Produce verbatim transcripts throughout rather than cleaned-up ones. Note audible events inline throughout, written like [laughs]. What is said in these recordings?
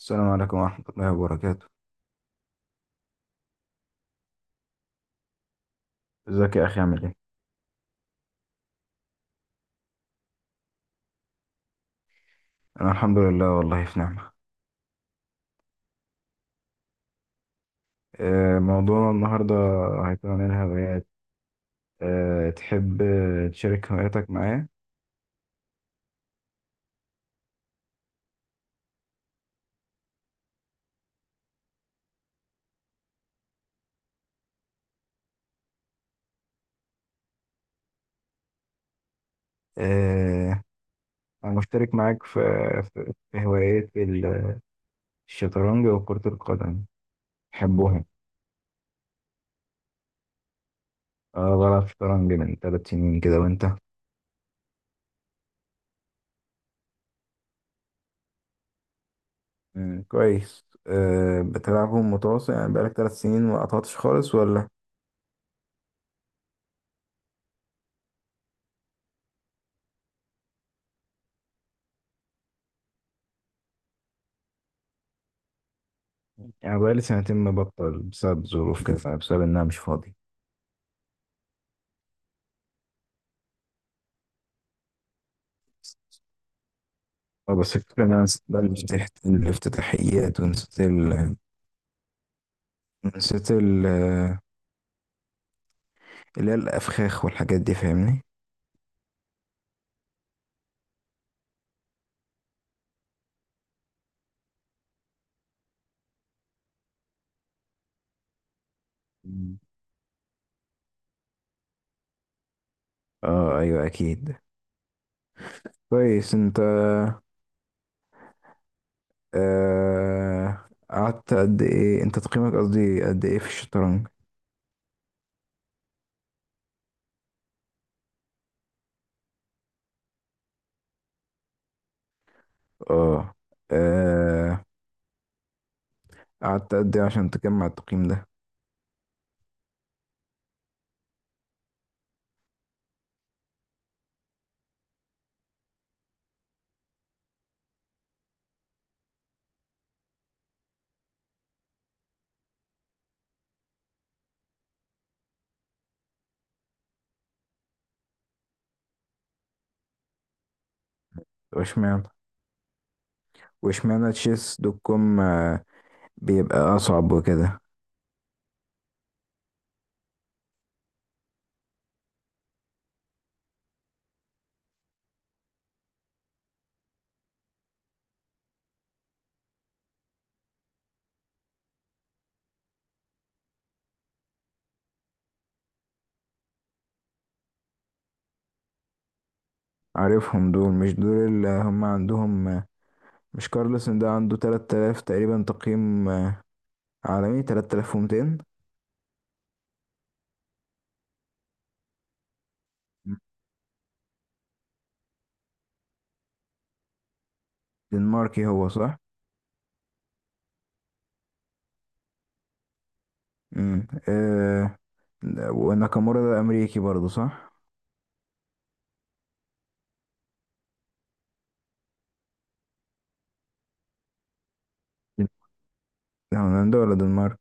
السلام عليكم ورحمة الله وبركاته. ازيك يا أخي عامل ايه؟ أنا الحمد لله، والله في نعمة. آه، موضوعنا النهاردة هيكون عن الهوايات. آه، تحب آه، تشارك هواياتك معايا؟ آه، أنا مشترك معاك في في في هوايات ال- الشطرنج وكرة القدم، بحبهم. أنا بلعب شطرنج من ثلاث سنين كده، وأنت؟ مم، كويس. أه بتلعبهم متواصل؟ يعني بقالك ثلاث سنين ما قطعتش خالص ولا؟ يعني بقالي سنتين مبطل بسبب ظروف كده، بسبب إن أنا مش فاضي. اه، بس الفكرة إن أنا نسيت بقى الافتتاح- الافتتاحيات، ونسيت ال نسيت ال اللي هي الأفخاخ والحاجات دي، فاهمني؟ مم. اه، أيوه، أكيد. كويس أنت. آه، قعدت قد إيه؟ أنت تقييمك، قصدي قد إيه في الشطرنج؟ اه. آه، قعدت قد إيه عشان تجمع التقييم ده؟ واشمعنى؟ واشمعنى تشيس دوت كوم آه، بيبقى أصعب وكده؟ عارفهم دول، مش دول اللي هم عندهم؟ مش كارلسن ده عنده تلت تلاف تقريبا تقييم، آه، عالمي ثلاث آلاف ومئتين؟ دنماركي هو، صح؟ امم آه وناكامورا ده امريكي برضه، صح؟ ده هولندا ولا دنمارك؟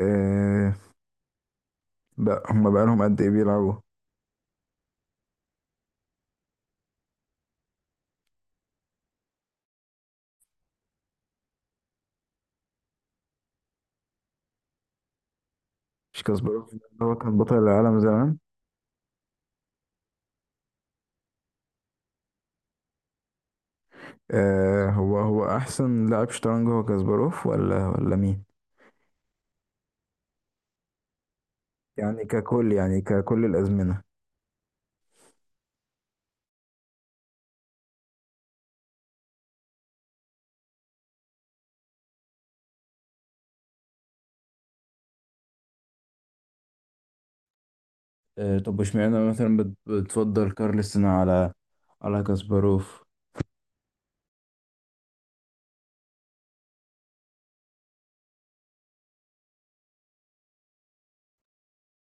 آه بقى هما بقالهم قد ايه بيلعبوا؟ مش كاسباروف ده هو كان بطل العالم زمان؟ آه، هو هو احسن لاعب شطرنج، هو كاسباروف ولا ولا مين؟ يعني ككل يعني ككل الازمنه. آه، طب واشمعنى مثلا بت- بتفضل كارلسن على على كاسباروف؟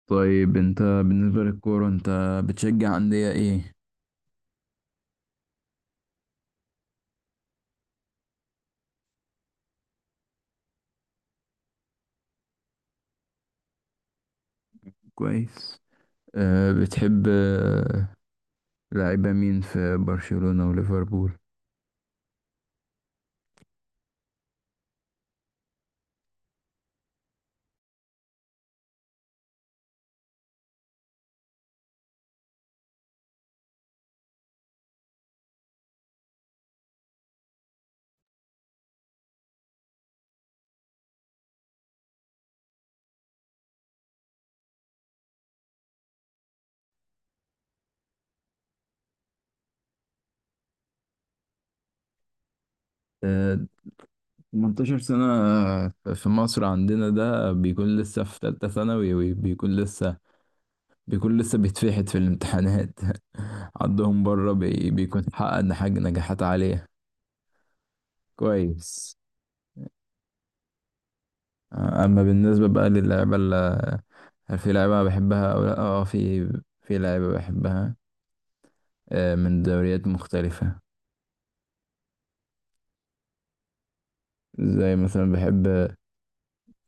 طيب انت بالنسبة للكورة، انت بتشجع أندية ايه؟ كويس. أه بتحب آه، لعيبة مين في برشلونة وليفربول؟ آه، تمنتاشر سنة! في مصر عندنا ده بيكون لسه في تالتة ثانوي، وبيكون لسه بيكون لسه بيتفحت في الامتحانات [laughs] عندهم بره بي بيكون حقق حاجة، نجاحات عالية. كويس. آه، أما بالنسبة بقى للعيبة اللي، هل في لعيبة بحبها أو لأ؟ اه، في في لعيبة بحبها آه، من دوريات مختلفة. زي مثلا بحب،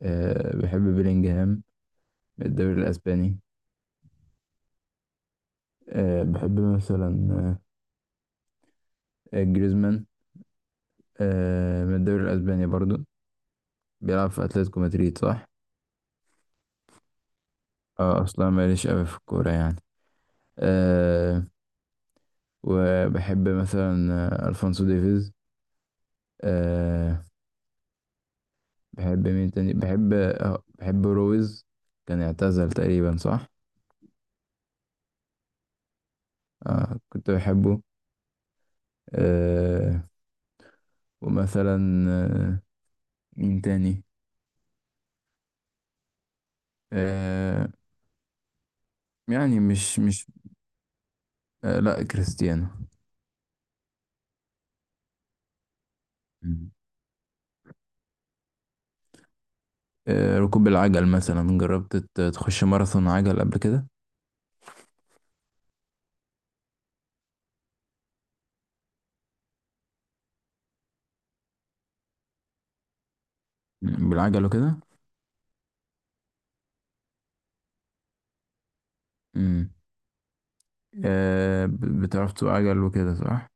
آه، بحب بيلينجهام من الدوري الأسباني. آه، بحب مثلا آه، جريزمان، آه، من الدوري الأسباني برضو، بيلعب في أتلتيكو مدريد، صح؟ اه، أصلا ماليش أوي في الكورة يعني. آه، وبحب مثلا آه، ألفونسو ديفيز. آه، بحب مين تاني؟ بحب آه، بحب رويز. كان اعتزل تقريبا، صح؟ آه، كنت بحبه. آه، ومثلا آه، مين تاني؟ آه، يعني مش مش. آه، لا، كريستيانو. مم. آه ركوب العجل مثلا. جربت ت- تخش ماراثون عجل قبل كده؟ مم، بالعجل وكده. مم. آه ب- بتعرف تسوق عجل وكده، صح؟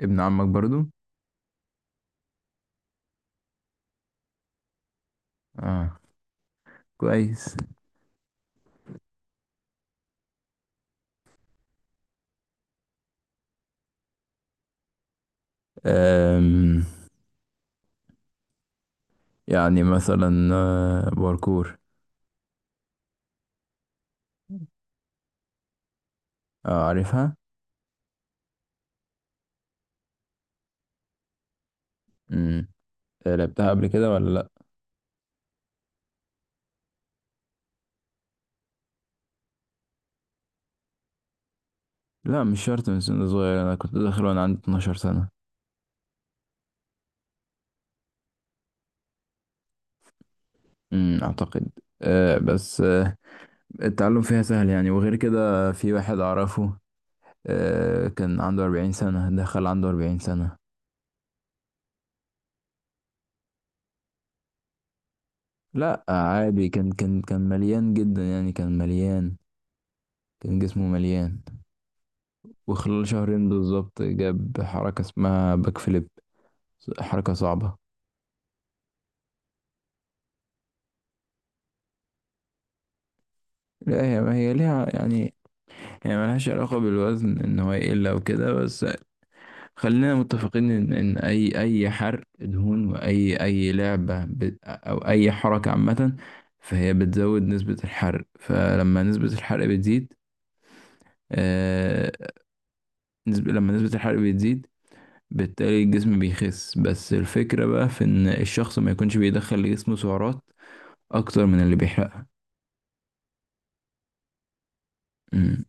ابن عمك برضو. اه، كويس. آم، يعني مثلا آه، باركور. آه عارفها. مم. آه، لعبتها قبل كده ولا لا؟ لا مش شرط من سن صغير، انا كنت داخل وانا عندي اتناشر سنة. مم، اعتقد. آه بس، آه، التعلم فيها سهل يعني، وغير كده في واحد أعرفه آه، كان عنده أربعين سنة، دخل عنده أربعين سنة. لا عادي، كان كان كان مليان جدا، يعني كان مليان، كان جسمه مليان. وخلال شهرين بالظبط جاب حركة اسمها باك فليب، حركة صعبة. لا، هي، هي ليها يعني، هي ملهاش علاقة بالوزن إن هو يقل أو كده. بس خلينا متفقين ان، إن اي اي حرق دهون، واي اي لعبه ب... او اي حركه عامه، فهي بتزود نسبه الحرق. فلما نسبه الحرق بتزيد، آه... نسبة... لما نسبه الحرق بتزيد، بالتالي الجسم بيخس. بس الفكره بقى في ان الشخص ما يكونش بيدخل لجسمه سعرات اكتر من اللي بيحرقها. مم.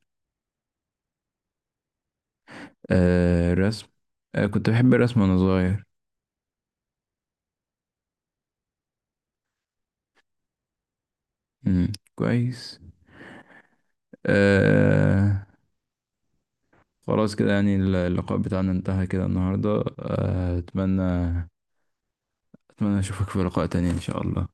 آه... الرسم. آه... كنت بحب الرسم وانا صغير. مم. كويس. آه... خلاص كده يعني، اللقاء بتاعنا انتهى كده النهاردة. آه، أتمنى أتمنى أشوفك في لقاء تاني إن شاء الله.